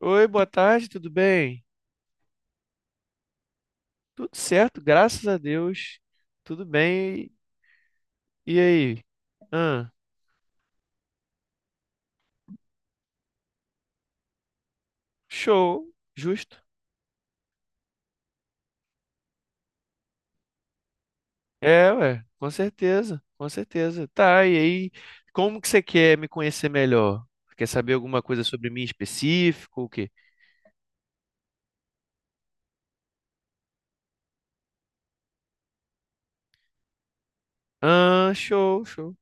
Oi, boa tarde, tudo bem? Tudo certo, graças a Deus. Tudo bem. E aí? Ah, show, justo. É, ué, com certeza, com certeza. Tá, e aí, como que você quer me conhecer melhor? Quer saber alguma coisa sobre mim em específico, o quê? Ah, show, show.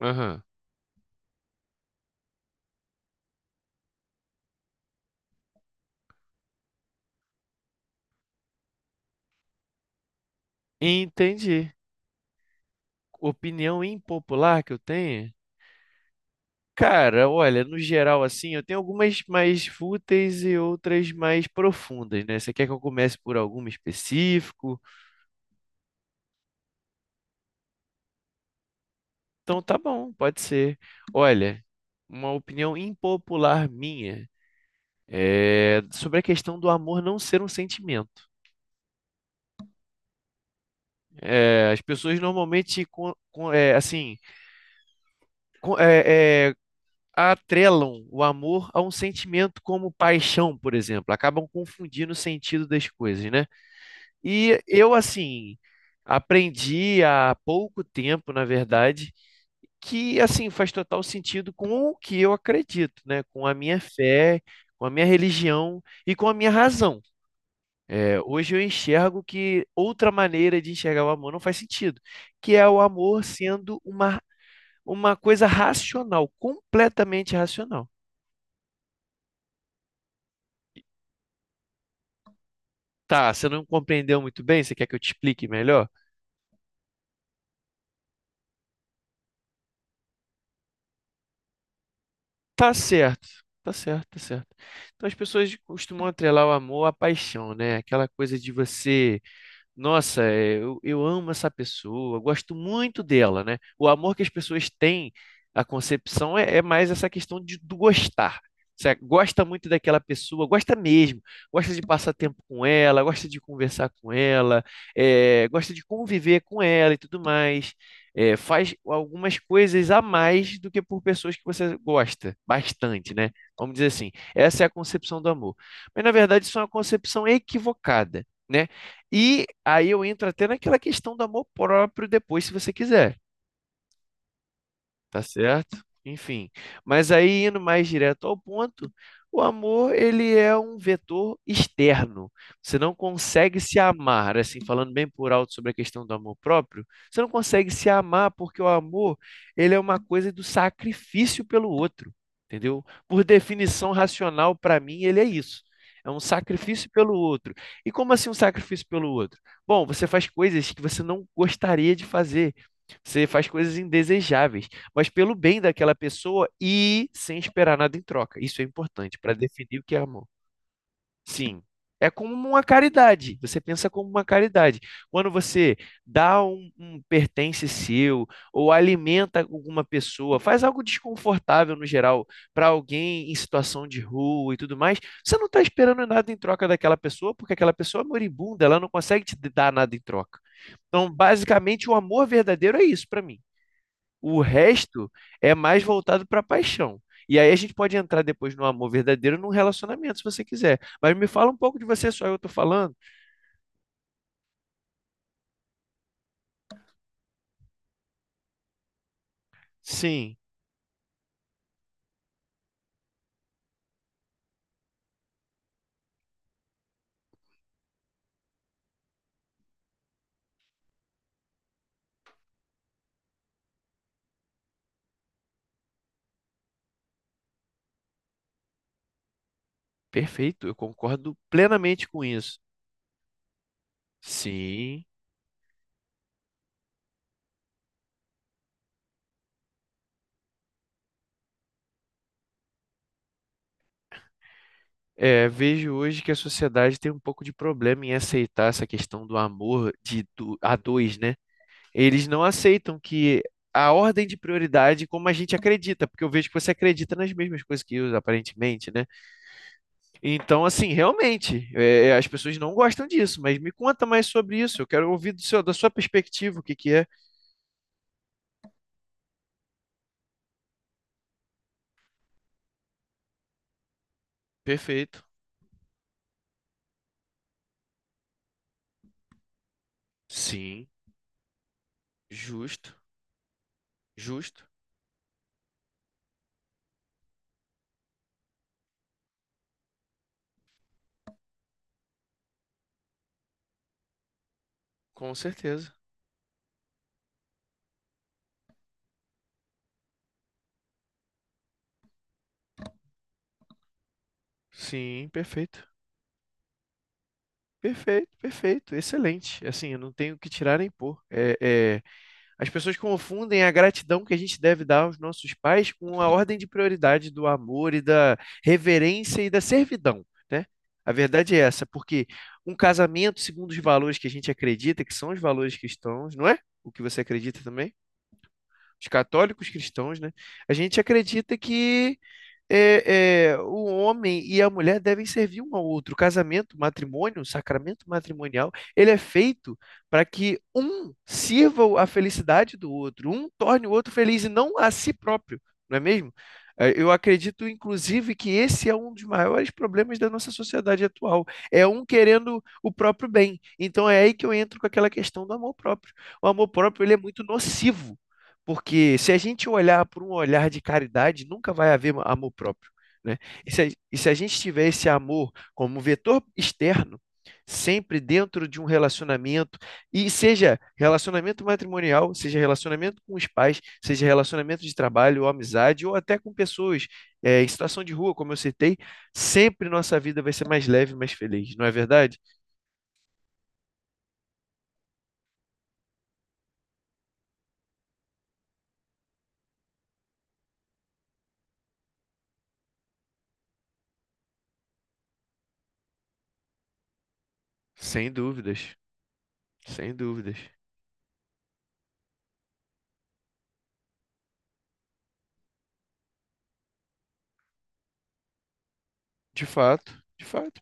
Aham. Entendi. Opinião impopular que eu tenho? Cara, olha, no geral, assim, eu tenho algumas mais fúteis e outras mais profundas, né? Você quer que eu comece por alguma específico? Então tá bom, pode ser. Olha, uma opinião impopular minha é sobre a questão do amor não ser um sentimento. É, as pessoas normalmente, com- é, é, atrelam o amor a um sentimento como paixão, por exemplo. Acabam confundindo o sentido das coisas, né? E eu, assim, aprendi há pouco tempo, na verdade, que, assim, faz total sentido com o que eu acredito, né? Com a minha fé, com a minha religião e com a minha razão. É, hoje eu enxergo que outra maneira de enxergar o amor não faz sentido, que é o amor sendo uma coisa racional, completamente racional. Tá, você não compreendeu muito bem? Você quer que eu te explique melhor? Tá certo, tá certo, tá certo. Então as pessoas costumam atrelar o amor à paixão, né? Aquela coisa de você. Nossa, é, eu amo essa pessoa, eu gosto muito dela, né? O amor que as pessoas têm, a concepção é, é mais essa questão de, do gostar. Você gosta muito daquela pessoa, gosta mesmo, gosta de passar tempo com ela, gosta de conversar com ela, é, gosta de conviver com ela e tudo mais. É, faz algumas coisas a mais do que por pessoas que você gosta bastante, né? Vamos dizer assim, essa é a concepção do amor. Mas na verdade, isso é uma concepção equivocada, né? E aí eu entro até naquela questão do amor próprio depois, se você quiser. Tá certo? Enfim, mas aí indo mais direto ao ponto, o amor ele é um vetor externo. Você não consegue se amar, assim, falando bem por alto sobre a questão do amor próprio, você não consegue se amar porque o amor ele é uma coisa do sacrifício pelo outro, entendeu? Por definição racional, para mim, ele é isso. É um sacrifício pelo outro. E como assim um sacrifício pelo outro? Bom, você faz coisas que você não gostaria de fazer. Você faz coisas indesejáveis mas pelo bem daquela pessoa e sem esperar nada em troca. Isso é importante para definir o que é amor. Sim, é como uma caridade. Você pensa como uma caridade. Quando você dá um pertence seu ou alimenta alguma pessoa, faz algo desconfortável no geral para alguém em situação de rua e tudo mais, você não está esperando nada em troca daquela pessoa, porque aquela pessoa é moribunda, ela não consegue te dar nada em troca. Então, basicamente, o amor verdadeiro é isso para mim. O resto é mais voltado para paixão. E aí a gente pode entrar depois no amor verdadeiro, num relacionamento, se você quiser. Mas me fala um pouco de você, só eu tô falando. Sim, perfeito, eu concordo plenamente com isso. Sim. É, vejo hoje que a sociedade tem um pouco de problema em aceitar essa questão do amor de a dois, né? Eles não aceitam que a ordem de prioridade, como a gente acredita, porque eu vejo que você acredita nas mesmas coisas que eu, aparentemente, né? Então, assim, realmente, é, as pessoas não gostam disso, mas me conta mais sobre isso. Eu quero ouvir do seu, da sua perspectiva o que que é. Perfeito. Sim, justo, justo, com certeza. Sim, perfeito. Perfeito, perfeito, excelente. Assim, eu não tenho o que tirar nem pôr. É, é, as pessoas confundem a gratidão que a gente deve dar aos nossos pais com a ordem de prioridade do amor e da reverência e da servidão, né? A verdade é essa, porque um casamento, segundo os valores que a gente acredita, que são os valores cristãos, não é? O que você acredita também? Os católicos cristãos, né? A gente acredita que é, é, o homem e a mulher devem servir um ao outro. O casamento, o matrimônio, o sacramento matrimonial, ele é feito para que um sirva a felicidade do outro, um torne o outro feliz e não a si próprio, não é mesmo? Eu acredito, inclusive, que esse é um dos maiores problemas da nossa sociedade atual. É um querendo o próprio bem. Então é aí que eu entro com aquela questão do amor próprio. O amor próprio, ele é muito nocivo. Porque se a gente olhar por um olhar de caridade, nunca vai haver amor próprio, né? E se a, e se a gente tiver esse amor como vetor externo, sempre dentro de um relacionamento, e seja relacionamento matrimonial, seja relacionamento com os pais, seja relacionamento de trabalho ou amizade, ou até com pessoas em situação de rua, como eu citei, sempre nossa vida vai ser mais leve, mais feliz, não é verdade? Sem dúvidas, sem dúvidas. De fato, de fato.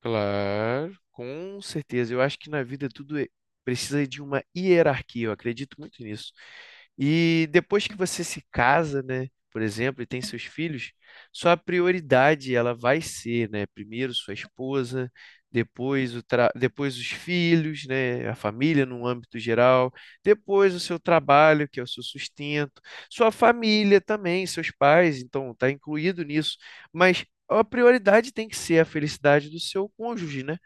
Claro, com certeza. Eu acho que na vida precisa de uma hierarquia, eu acredito muito nisso. E depois que você se casa, né, por exemplo, e tem seus filhos, sua prioridade ela vai ser, né, primeiro sua esposa, depois depois os filhos, né, a família no âmbito geral, depois o seu trabalho, que é o seu sustento, sua família também, seus pais, então está incluído nisso. Mas a prioridade tem que ser a felicidade do seu cônjuge, né?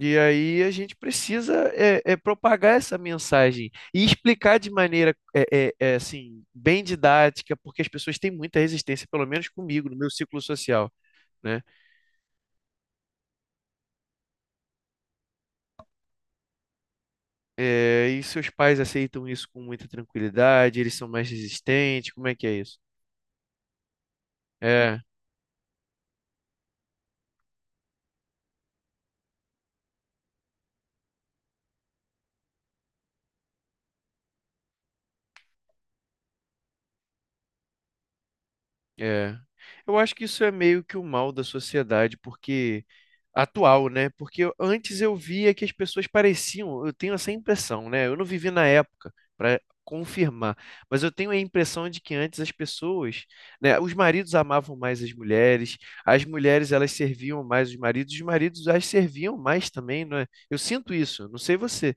E aí a gente precisa propagar essa mensagem e explicar de maneira assim bem didática, porque as pessoas têm muita resistência, pelo menos comigo, no meu ciclo social, né? É, e seus pais aceitam isso com muita tranquilidade? Eles são mais resistentes? Como é que é isso? É, é. Eu acho que isso é meio que o mal da sociedade, porque atual, né? Porque antes eu via que as pessoas pareciam, eu tenho essa impressão, né? Eu não vivi na época para confirmar, mas eu tenho a impressão de que antes as pessoas, né, os maridos amavam mais as mulheres elas serviam mais os maridos as serviam mais também, não é? Eu sinto isso, não sei você.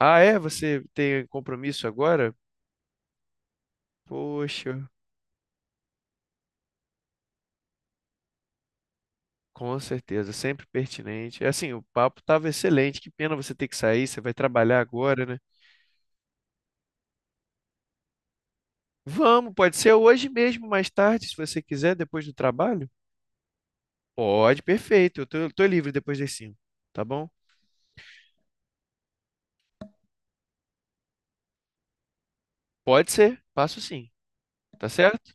Ah, é? Você tem compromisso agora? Poxa, com certeza, sempre pertinente. É assim, o papo estava excelente. Que pena você ter que sair, você vai trabalhar agora, né? Vamos, pode ser hoje mesmo, mais tarde, se você quiser, depois do trabalho? Pode, perfeito. Eu tô, tô livre depois das 5, tá bom? Pode ser, passo sim, tá certo?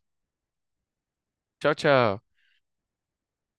Tchau, tchau.